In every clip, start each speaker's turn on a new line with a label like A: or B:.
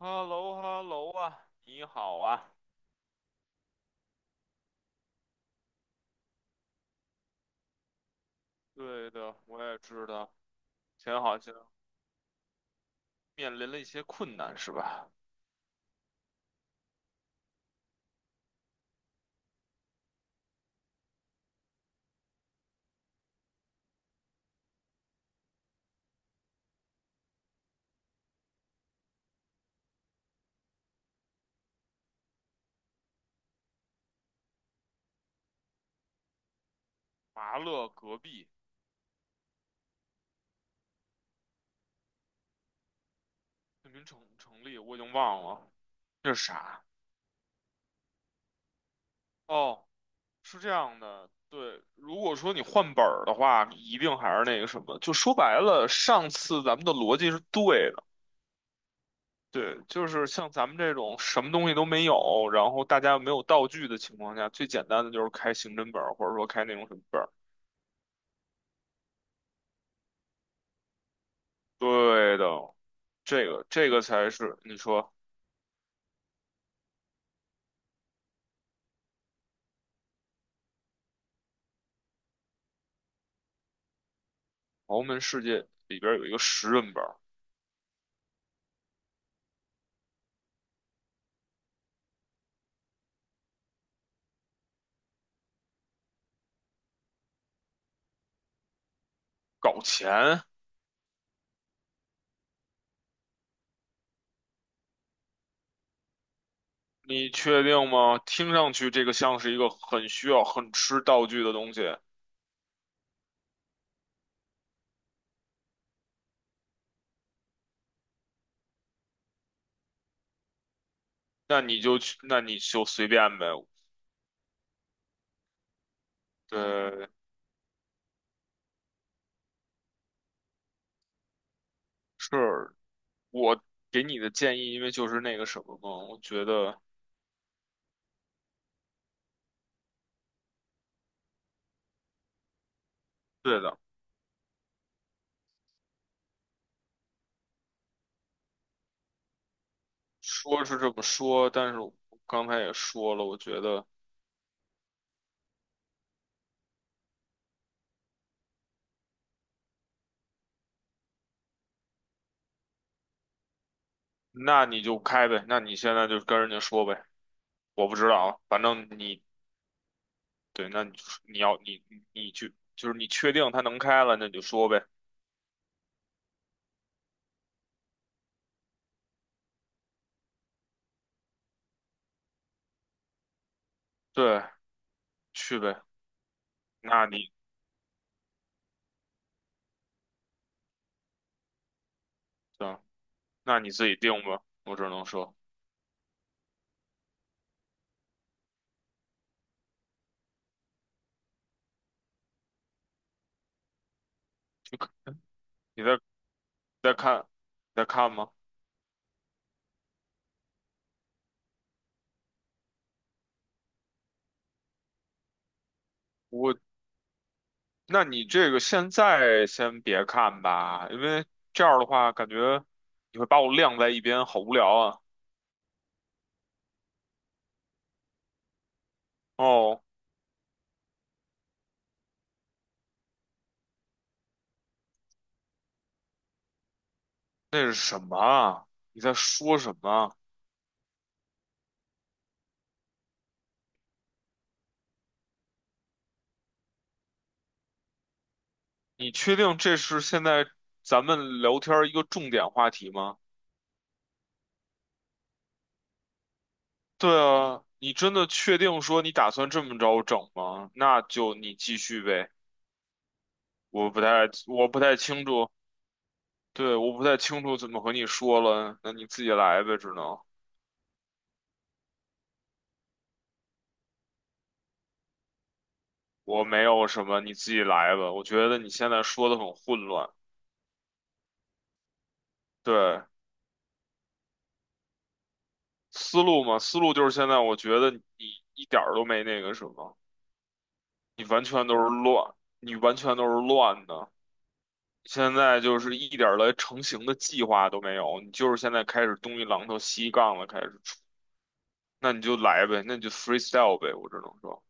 A: h e l l o h e l l o 啊，你好啊。对的，我也知道，前好像面临了一些困难，是吧？麻乐隔壁难民城成立，我已经忘了这是啥。哦，是这样的，对，如果说你换本儿的话，你一定还是那个什么，就说白了，上次咱们的逻辑是对的。对，就是像咱们这种什么东西都没有，然后大家又没有道具的情况下，最简单的就是开刑侦本儿，或者说开那种什么本儿。对的，这个才是你说豪门世界里边有一个10人本儿搞钱，你确定吗？听上去这个像是一个很需要、很吃道具的东西，那你就去，那你就随便呗。对，是我给你的建议，因为就是那个什么嘛，我觉得对的，说是这么说，但是我刚才也说了，我觉得那你就开呗，那你现在就跟人家说呗，我不知道啊反正你对，那你要你去，就是你确定它能开了，那你就说呗。对，去呗。那你行，那你自己定吧。我只能说，就你再看，再看吗？我，那你这个现在先别看吧，因为这样的话，感觉你会把我晾在一边，好无聊啊。哦，那是什么啊？你在说什么啊？你确定这是现在咱们聊天儿一个重点话题吗？对啊，你真的确定说你打算这么着整吗？那就你继续呗，我不太清楚，对，我不太清楚怎么和你说了，那你自己来呗，我没有什么，你自己来吧。我觉得你现在说的很混乱，对，思路嘛，思路就是现在我觉得你一点儿都没那个什么，你完全都是乱，你完全都是乱的。现在就是一点儿来成型的计划都没有，你就是现在开始东一榔头西一杠了，开始。那你就来呗，那你就 freestyle 呗，我只能说，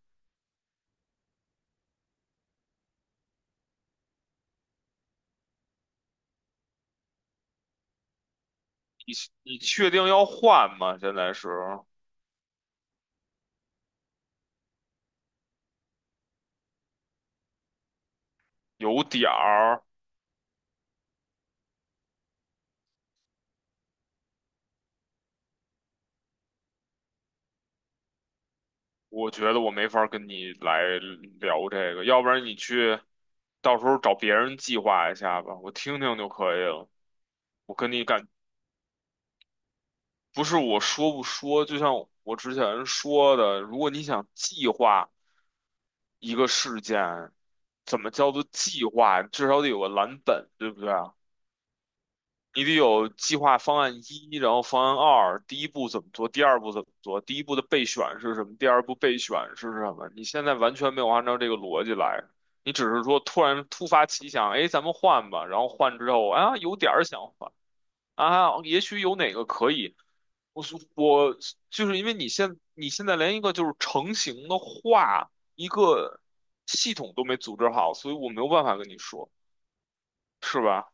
A: 你你确定要换吗？现在是有点儿，我觉得我没法跟你来聊这个，要不然你去，到时候找别人计划一下吧，我听听就可以了。我跟你感，不是我说不说，就像我之前说的，如果你想计划一个事件，怎么叫做计划？至少得有个蓝本，对不对？啊？你得有计划方案一，然后方案二，第一步怎么做，第二步怎么做，第一步的备选是什么，第二步备选是什么？你现在完全没有按照这个逻辑来，你只是说突然突发奇想，哎，咱们换吧，然后换之后啊，有点儿想换啊，也许有哪个可以，我就是因为你现在连一个就是成型的话，一个系统都没组织好，所以我没有办法跟你说，是吧？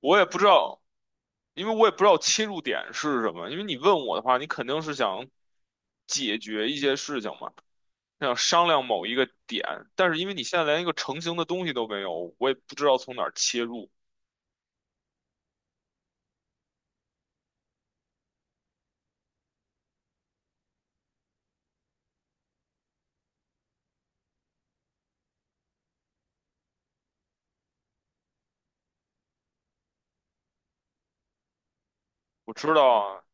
A: 我也不知道，因为我也不知道切入点是什么。因为你问我的话，你肯定是想解决一些事情嘛，想商量某一个点。但是因为你现在连一个成型的东西都没有，我也不知道从哪儿切入。我知道啊，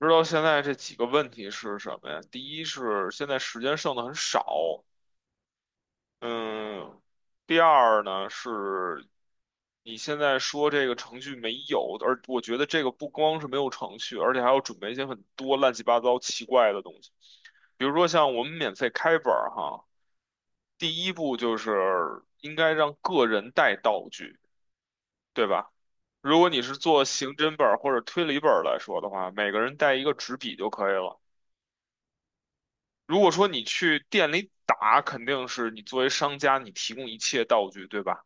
A: 知道现在这几个问题是什么呀？第一是现在时间剩的很少，嗯，第二呢是你现在说这个程序没有，而我觉得这个不光是没有程序，而且还要准备一些很多乱七八糟奇怪的东西，比如说像我们免费开本儿哈，第一步就是应该让个人带道具，对吧？如果你是做刑侦本儿或者推理本儿来说的话，每个人带一个纸笔就可以了。如果说你去店里打，肯定是你作为商家，你提供一切道具，对吧？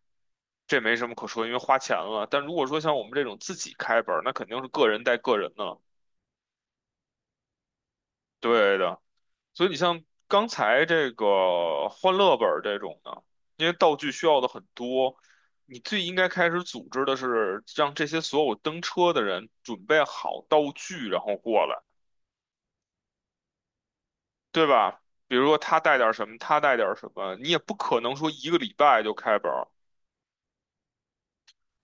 A: 这没什么可说，因为花钱了。但如果说像我们这种自己开本儿，那肯定是个人带个人的，对的。所以你像刚才这个欢乐本儿这种的，因为道具需要的很多，你最应该开始组织的是让这些所有登车的人准备好道具，然后过来，对吧？比如说他带点儿什么，他带点儿什么，你也不可能说一个礼拜就开本儿。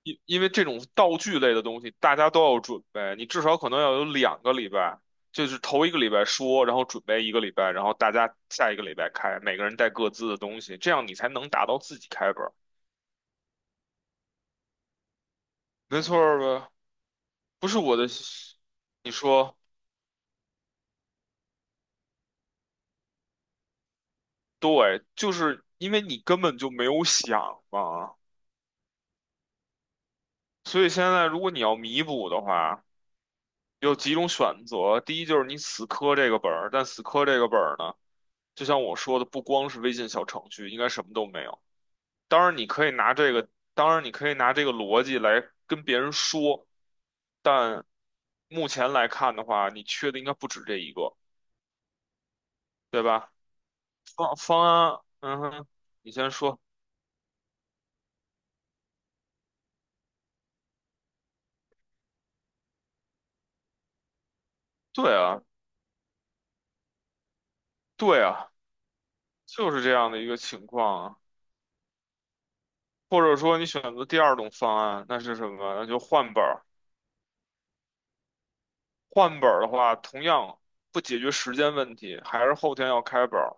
A: 因为这种道具类的东西，大家都要准备，你至少可能要有2个礼拜，就是头一个礼拜说，然后准备一个礼拜，然后大家下一个礼拜开，每个人带各自的东西，这样你才能达到自己开本儿，没错儿吧？不是我的，你说对，就是因为你根本就没有想嘛，所以现在如果你要弥补的话，有几种选择，第一就是你死磕这个本儿，但死磕这个本儿呢，就像我说的，不光是微信小程序，应该什么都没有。当然，你可以拿这个，当然你可以拿这个逻辑来跟别人说，但目前来看的话，你缺的应该不止这一个，对吧？方案，嗯哼，你先说。对啊，对啊，就是这样的一个情况啊。或者说你选择第二种方案，那是什么？那就换本儿。换本儿的话，同样不解决时间问题，还是后天要开本儿。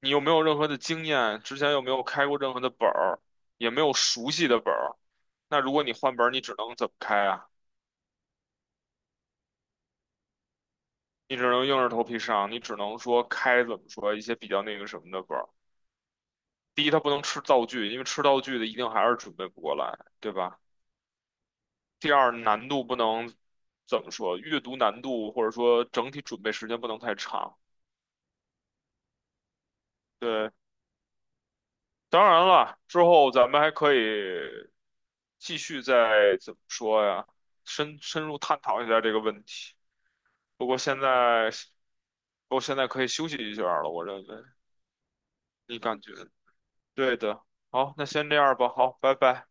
A: 你又没有任何的经验，之前又没有开过任何的本儿，也没有熟悉的本儿。那如果你换本儿，你只能怎么开啊？你只能硬着头皮上，你只能说开怎么说一些比较那个什么的本儿。第一，它不能吃道具，因为吃道具的一定还是准备不过来，对吧？第二，难度不能怎么说，阅读难度或者说整体准备时间不能太长。对，当然了，之后咱们还可以继续再怎么说呀，深深入探讨一下这个问题。不过现在，我现在可以休息一下了，我认为，你感觉？对的。好，那先这样吧。好，拜拜。